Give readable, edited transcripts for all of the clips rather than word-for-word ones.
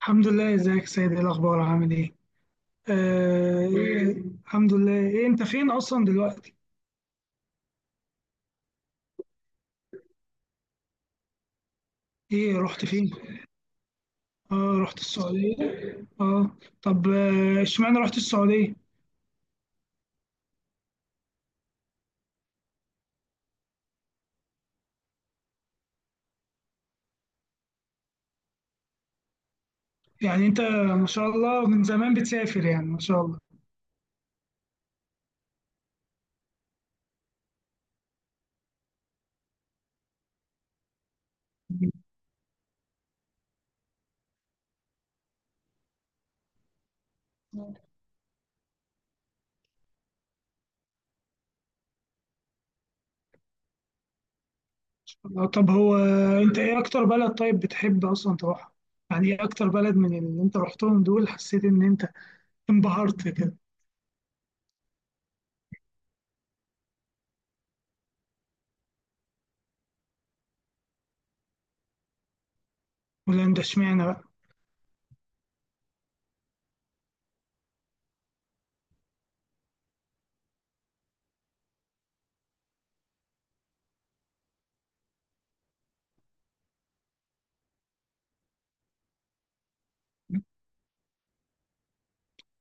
الحمد لله، ازيك يا سيد؟ ايه الاخبار؟ عامل ايه؟ آه، إيه، الحمد لله. إيه انت فين اصلا دلوقتي؟ ايه، رحت فين؟ اه، رحت السعوديه. اه. طب، اشمعنى رحت السعوديه؟ يعني انت، ما شاء الله من زمان بتسافر، يعني ما شاء الله. طب هو، انت ايه اكتر بلد طيب بتحب اصلا تروحها؟ يعني ايه اكتر بلد من اللي انت رحتهم دول حسيت ان انت انبهرت كده؟ ولا انت اشمعنى بقى؟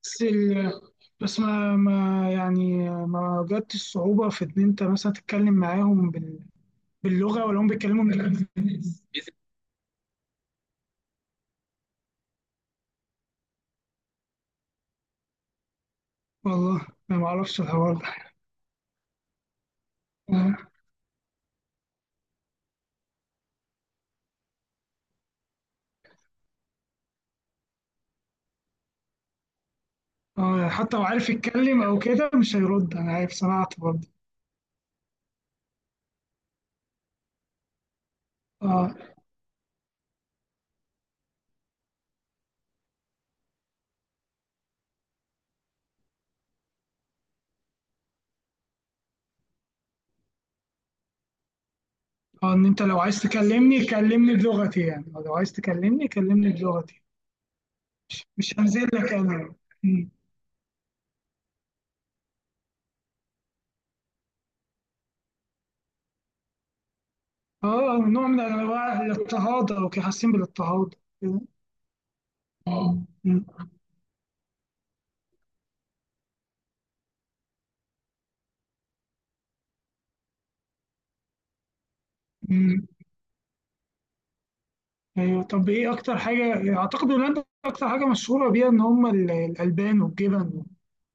بس ال... بس ما يعني ما جت الصعوبة في إن أنت مثلا تتكلم معاهم باللغة، ولا هم بيتكلموا بالإنجليزي؟ والله أنا ما أعرفش الحوار ده. اه، حتى لو عارف يتكلم أو كده مش هيرد. أنا عارف، سمعت برضه. اه، اه، إن أنت لو عايز تكلمني كلمني بلغتي، يعني لو عايز تكلمني كلمني بلغتي. مش هنزل لك أنا. م. اه، نوع من أنواع الاضطهاد أو كده، حاسين بالاضطهاد. كده. ايوه، طب ايه اكتر حاجه؟ اعتقد هولندا اكتر حاجه مشهوره بيها ان هم الالبان والجبن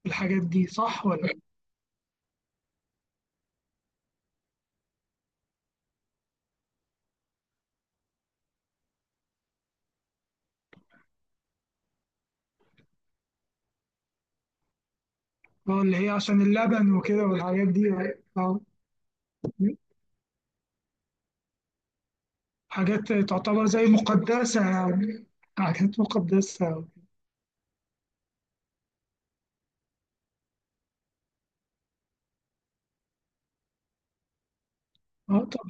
والحاجات دي، صح ولا؟ اللي هي عشان اللبن وكده والحاجات دي. حاجات تعتبر زي مقدسه يعني، حاجات مقدسه. اه، طب.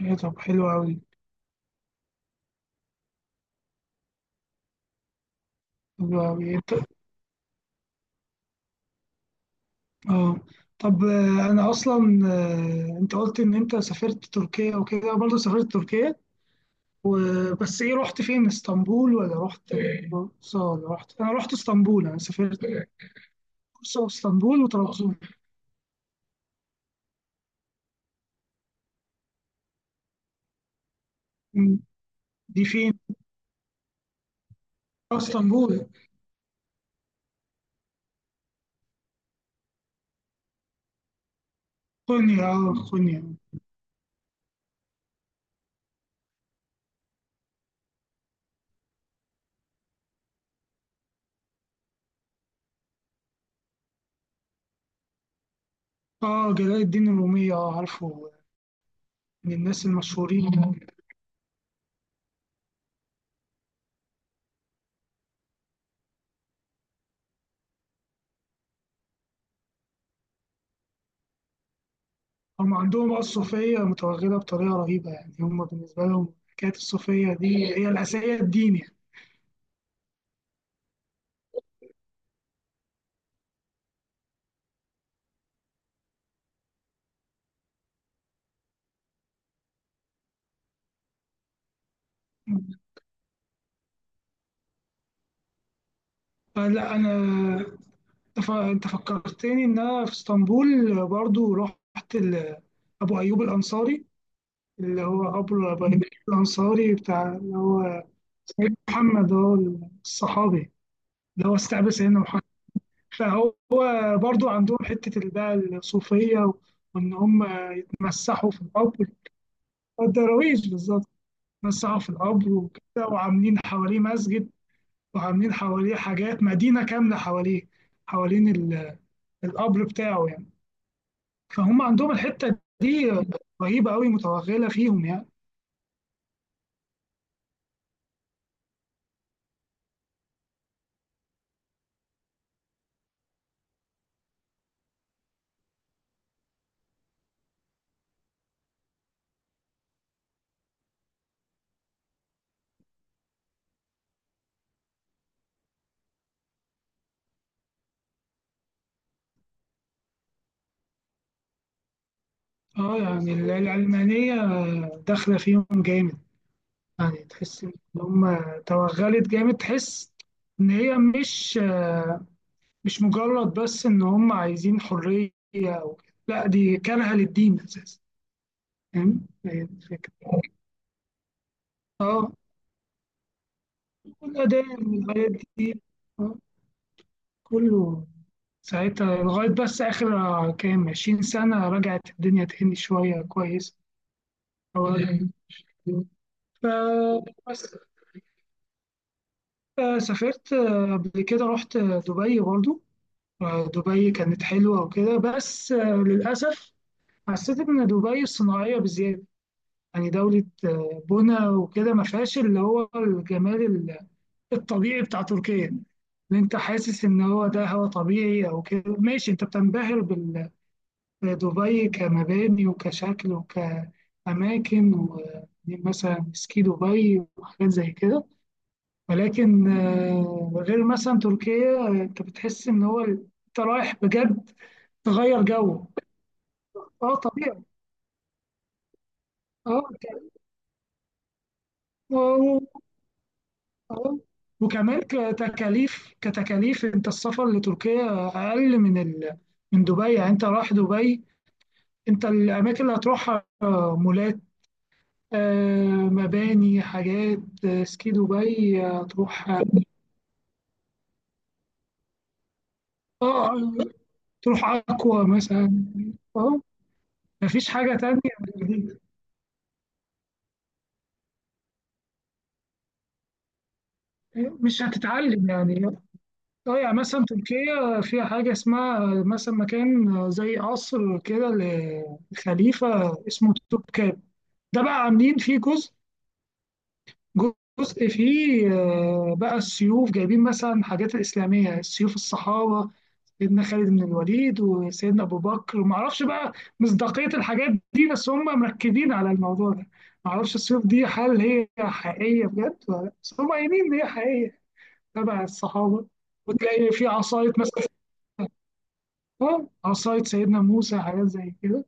ايه، طب حلو قوي. حلو قوي. انت، اه، طب، انا اصلا آه، انت قلت ان انت سافرت تركيا وكده، برضه سافرت تركيا وبس ايه رحت فين؟ اسطنبول ولا رحت بورصة ولا رحت؟ انا رحت اسطنبول، انا سافرت بورصة واسطنبول وطرابزون. م، دي فين؟ اسطنبول. خنيا، اه، خنيا. اه، جلال الدين الرومية. اه، عارفه، من الناس المشهورين. هم عندهم بقى الصوفية متوغلة بطريقة رهيبة، يعني هم بالنسبة لهم حكاية الصوفية دي هي الأساسية، الدين يعني. فلا، أنا، أنت أنت فكرتني إن أنا في اسطنبول برضو رحت أبو أيوب الأنصاري، اللي هو أبو الأنصاري بتاع اللي هو سيدنا محمد، هو الصحابي اللي هو استقبل سيدنا محمد. فهو برضو عندهم حتة بقى الصوفية، وإن هم مسحوا في القبر. الدراويش بالظبط. مسحوا في القبر وكده، وعاملين حواليه مسجد، وعاملين حواليه حاجات، مدينة كاملة حواليه، حوالين القبر بتاعه يعني. فهم عندهم الحتة دي رهيبة أوي، متوغلة فيهم يعني. اه، يعني العلمانية داخلة فيهم جامد. يعني تحس إن هم توغلت جامد، تحس إن هي مش مجرد بس إن هم عايزين حرية أو كده. لا، دي كارهة للدين أساسا. فاهم، هي دي الفكرة. اه، والأديان والحاجات دي، آه، كله ساعتها، لغاية بس آخر كام 20 سنة رجعت الدنيا تهني شوية كويس أو- فبس، سافرت قبل كده رحت دبي برضو. دبي كانت حلوة وكده بس للأسف حسيت إن دبي صناعية بزيادة. يعني دولة بنا وكده، ما فيهاش اللي هو الجمال الطبيعي بتاع تركيا. اللي أنت حاسس إن هو ده هو طبيعي أو كده. ماشي، أنت بتنبهر بدبي، كمباني وكشكل وكأماكن، ومثلا سكي دبي وحاجات زي كده. ولكن غير مثلا تركيا، انت بتحس ان هو انت رايح بجد، تغير جو. اه، طبيعي. اه. آه، آه. اه. وكمان كتكاليف، انت السفر لتركيا اقل من من دبي. يعني انت رايح دبي، انت الاماكن اللي هتروحها مولات، آه، مباني، حاجات، سكي دبي، هتروح. اه، اه، تروح اكوا مثلا. اه، مفيش حاجه تانية. مش هتتعلم يعني. اه، يعني مثلا تركيا فيها حاجة اسمها، مثلا، مكان زي قصر كده لخليفة اسمه توبكاب. ده بقى عاملين فيه جزء، جزء فيه بقى السيوف، جايبين مثلا حاجات الإسلامية، سيوف الصحابة، سيدنا خالد بن الوليد وسيدنا أبو بكر، ومعرفش بقى مصداقية الحاجات دي، بس هم مركزين على الموضوع ده. معرفش السيوف دي هل هي حقيقية بجد ولا لأ، بس هم قايلين إن هي حقيقية تبع الصحابة. وتلاقي في عصاية مثلا. اه، عصاية سيدنا موسى، حاجات زي كده.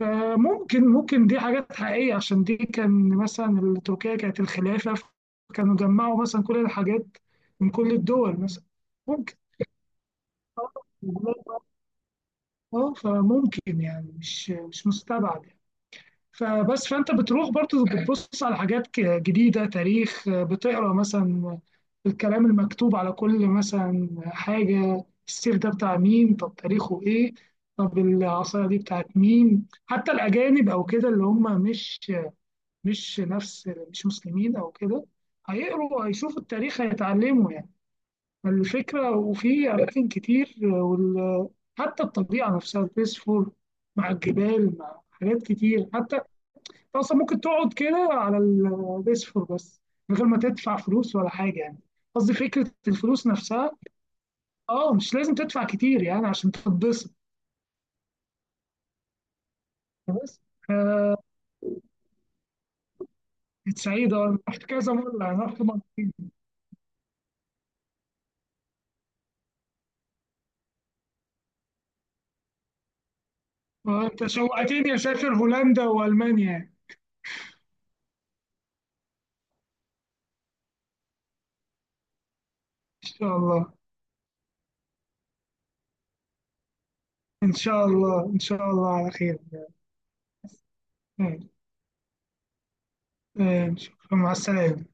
فممكن دي حاجات حقيقية، عشان دي كان مثلا تركيا كانت الخلافة، كانوا جمعوا مثلا كل الحاجات من كل الدول مثلا. ممكن. اه، فممكن يعني مش مستبعد يعني. فبس، فانت بتروح برضه بتبص على حاجات جديدة، تاريخ بتقرا مثلا، الكلام المكتوب على كل مثلا حاجة، السيف ده بتاع مين؟ طب تاريخه إيه؟ طب العصاية دي بتاعت مين؟ حتى الأجانب أو كده اللي هم مش مسلمين أو كده، هيقروا، هيشوفوا التاريخ، هيتعلموا يعني الفكرة، وفي أماكن كتير. حتى الطبيعة نفسها، البيسفور مع الجبال، مع حاجات كتير. حتى انت اصلا ممكن تقعد كده على البيسفور بس، من غير ما تدفع فلوس ولا حاجه يعني، قصدي فكره الفلوس نفسها. اه، مش لازم تدفع كتير يعني عشان تتبسط. بس، آه، كانت سعيده. أنا رحت كذا مره يعني، رحت مرتين. وانت شوقتني اسافر هولندا والمانيا يعني. ان شاء الله، ان شاء الله، ان شاء الله على خير. آه، شكرا، مع السلامه.